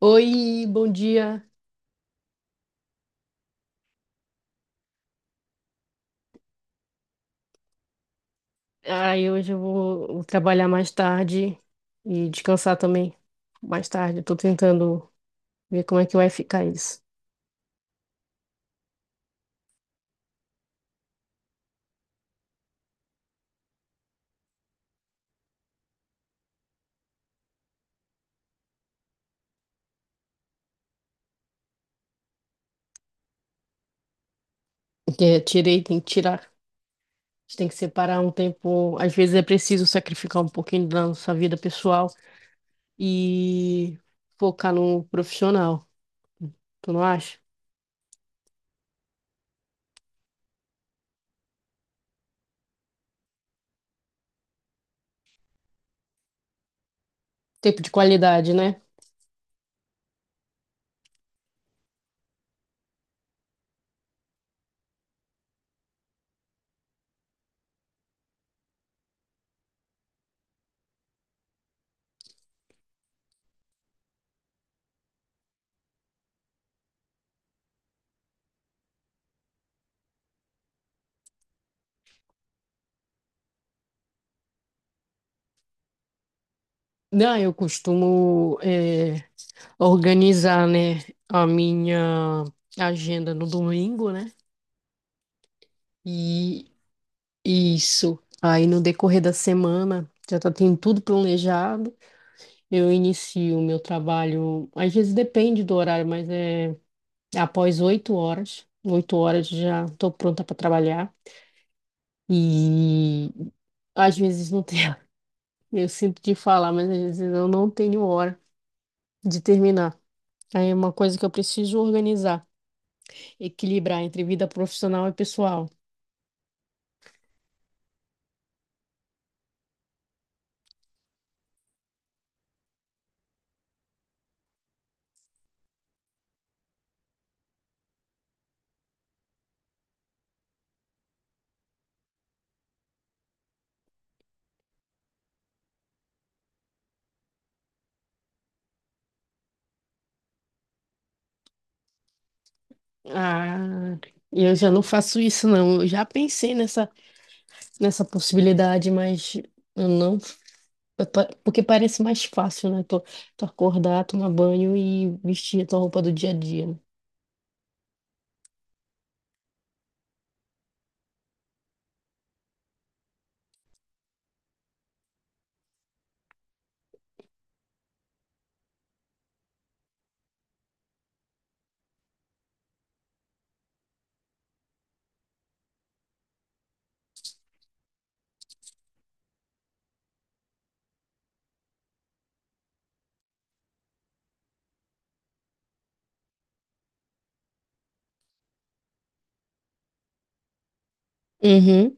Oi, bom dia. Ai, hoje eu vou trabalhar mais tarde e descansar também mais tarde. Eu tô tentando ver como é que vai ficar isso. Porque eu tirei, tem que tirar. A gente tem que separar um tempo. Às vezes é preciso sacrificar um pouquinho da nossa vida pessoal e focar no profissional. Tu não acha? Tempo de qualidade, né? Não, eu costumo organizar, né, a minha agenda no domingo, né? E Isso. Aí no decorrer da semana, já tá tendo tudo planejado. Eu inicio o meu trabalho, às vezes depende do horário, mas é após 8 horas. 8 horas já tô pronta para trabalhar. E às vezes não tenho, eu sinto de falar, mas às vezes eu não tenho hora de terminar. Aí é uma coisa que eu preciso organizar, equilibrar entre vida profissional e pessoal. Ah, eu já não faço isso, não. Eu já pensei nessa possibilidade, mas eu não. Porque parece mais fácil, né? Tu acordar, tomar banho e vestir a tua roupa do dia a dia, né? Uhum.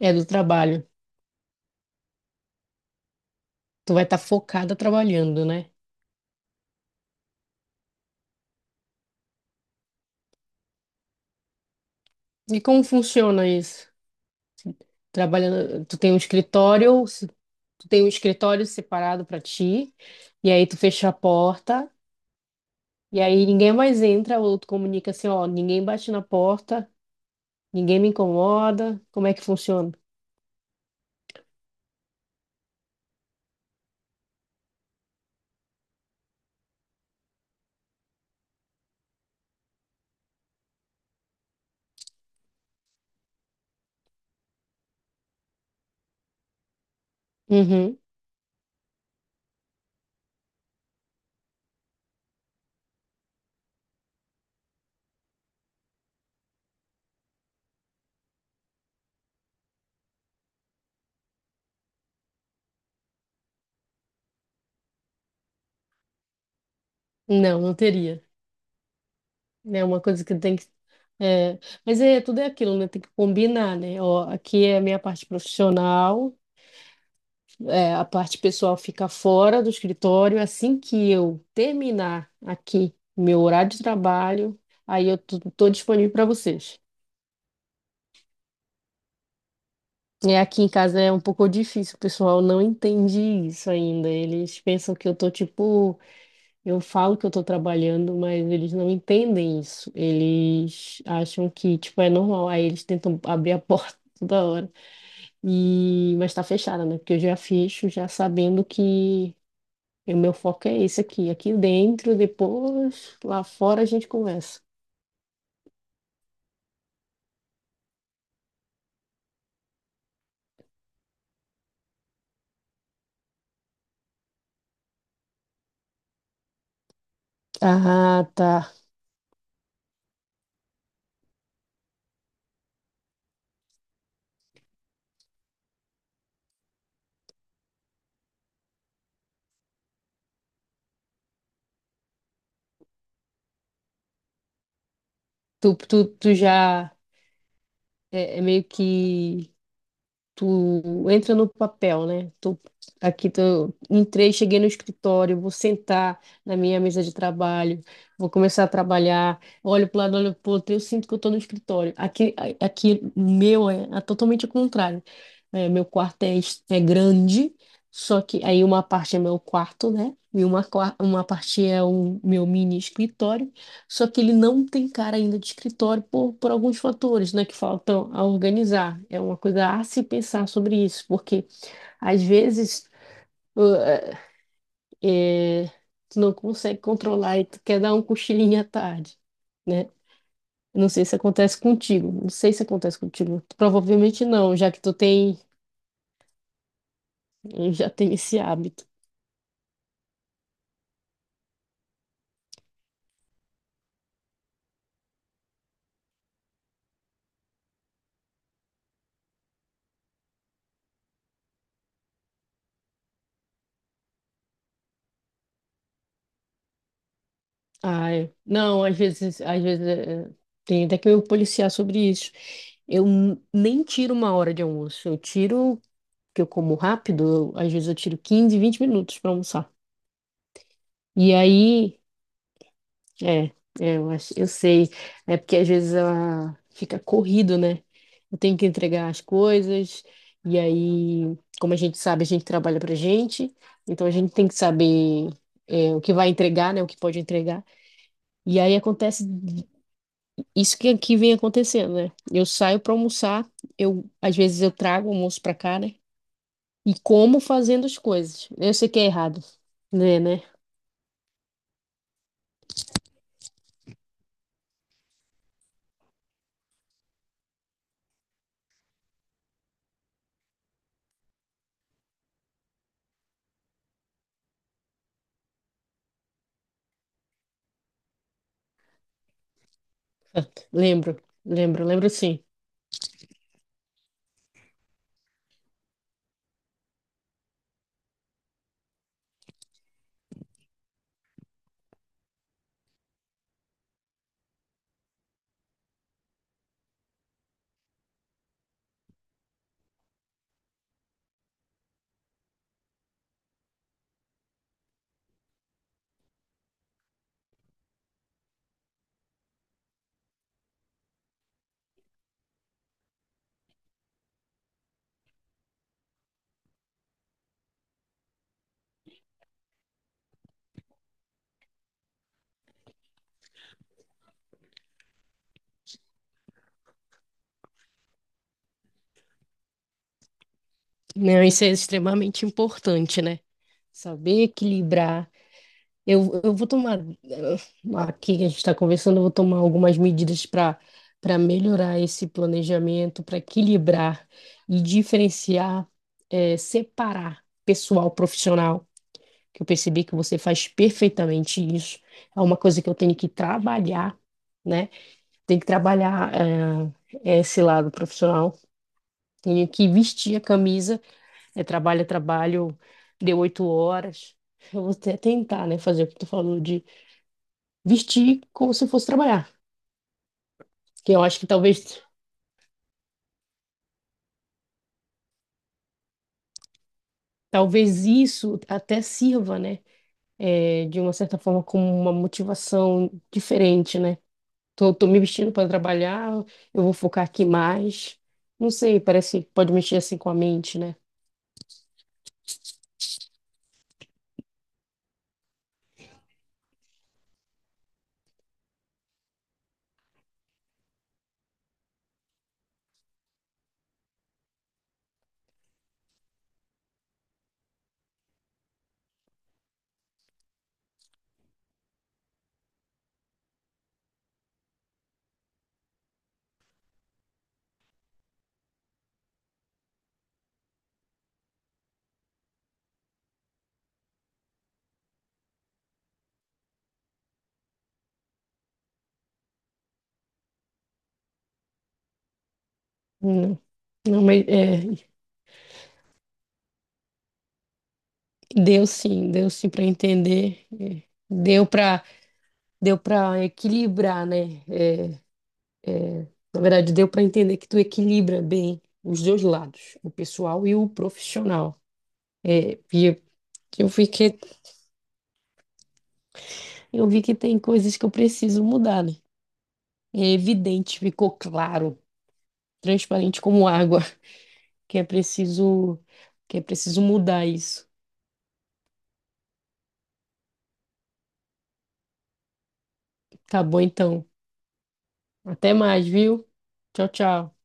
É do trabalho. Tu vai estar focada trabalhando, né? E como funciona isso? Trabalhando, tu tem um escritório, se- tu tem um escritório separado para ti, e aí tu fecha a porta, e aí ninguém mais entra, ou tu comunica assim, ó, ninguém bate na porta, ninguém me incomoda. Como é que funciona? Uhum. Não, não teria. Né, uma coisa que tem que. É, mas é, tudo é aquilo, né? Tem que combinar, né? Ó, aqui é a minha parte profissional, é, a parte pessoal fica fora do escritório. Assim que eu terminar aqui meu horário de trabalho, aí eu tô disponível para vocês. É, aqui em casa é um pouco difícil, o pessoal não entende isso ainda. Eles pensam que eu tô tipo. Eu falo que eu estou trabalhando, mas eles não entendem isso. Eles acham que, tipo, é normal. Aí eles tentam abrir a porta toda hora. E... Mas está fechada, né? Porque eu já fecho, já sabendo que o meu foco é esse aqui. Aqui dentro, depois, lá fora a gente conversa. Ah, tá. Tu já meio que tu entra no papel, né? Entrei, cheguei no escritório, vou sentar na minha mesa de trabalho, vou começar a trabalhar, olho para o lado, olho para o outro, eu sinto que eu tô no escritório. Aqui, aqui o meu é, é totalmente o contrário. É, meu quarto é grande, só que aí uma parte é meu quarto, né? E uma, uma parte é o meu mini escritório. Só que ele não tem cara ainda de escritório por alguns fatores, né, que faltam a organizar. É uma coisa a se pensar sobre isso, porque às vezes uh, é, é, tu não consegue controlar e tu quer dar um cochilinho à tarde, né? Não sei se acontece contigo, não sei se acontece contigo. Provavelmente não, já que tu tem, já tem esse hábito. Ah, é. Não, às vezes tem até que eu policiar sobre isso. Eu nem tiro uma hora de almoço, eu tiro porque eu como rápido, às vezes eu tiro 15 a 20 minutos para almoçar. E aí, é, eu acho, eu sei, é porque às vezes fica corrido, né? Eu tenho que entregar as coisas, e aí, como a gente sabe, a gente trabalha pra gente, então a gente tem que saber é, o que vai entregar, né? O que pode entregar. E aí acontece isso que aqui vem acontecendo, né? Eu saio para almoçar, eu às vezes eu trago o almoço para cá, né? E como fazendo as coisas. Eu sei que é errado, né? Lembro, lembro, lembro sim. Não, isso é extremamente importante, né? Saber equilibrar. Eu vou tomar, aqui que a gente está conversando, eu vou tomar algumas medidas para para melhorar esse planejamento, para equilibrar e diferenciar, separar pessoal profissional, que eu percebi que você faz perfeitamente isso. É uma coisa que eu tenho que trabalhar, né? Tenho que trabalhar, esse lado profissional, tenho que vestir a camisa. É trabalho, deu 8 horas. Eu vou até tentar, né, fazer o que tu falou de vestir como se fosse trabalhar. Que eu acho que talvez, talvez isso até sirva, né, de uma certa forma como uma motivação diferente, né? Tô me vestindo para trabalhar, eu vou focar aqui mais. Não sei, parece que pode mexer assim com a mente, né? Não, não, mas é, deu sim para entender. Deu para deu para equilibrar, né? É, na verdade, deu para entender que tu equilibra bem os dois lados, o pessoal e o profissional. E eu eu fiquei, eu vi que tem coisas que eu preciso mudar, né? É evidente, ficou claro, transparente como água, que é preciso, que é preciso mudar isso. Tá bom, então. Até mais, viu? Tchau, tchau.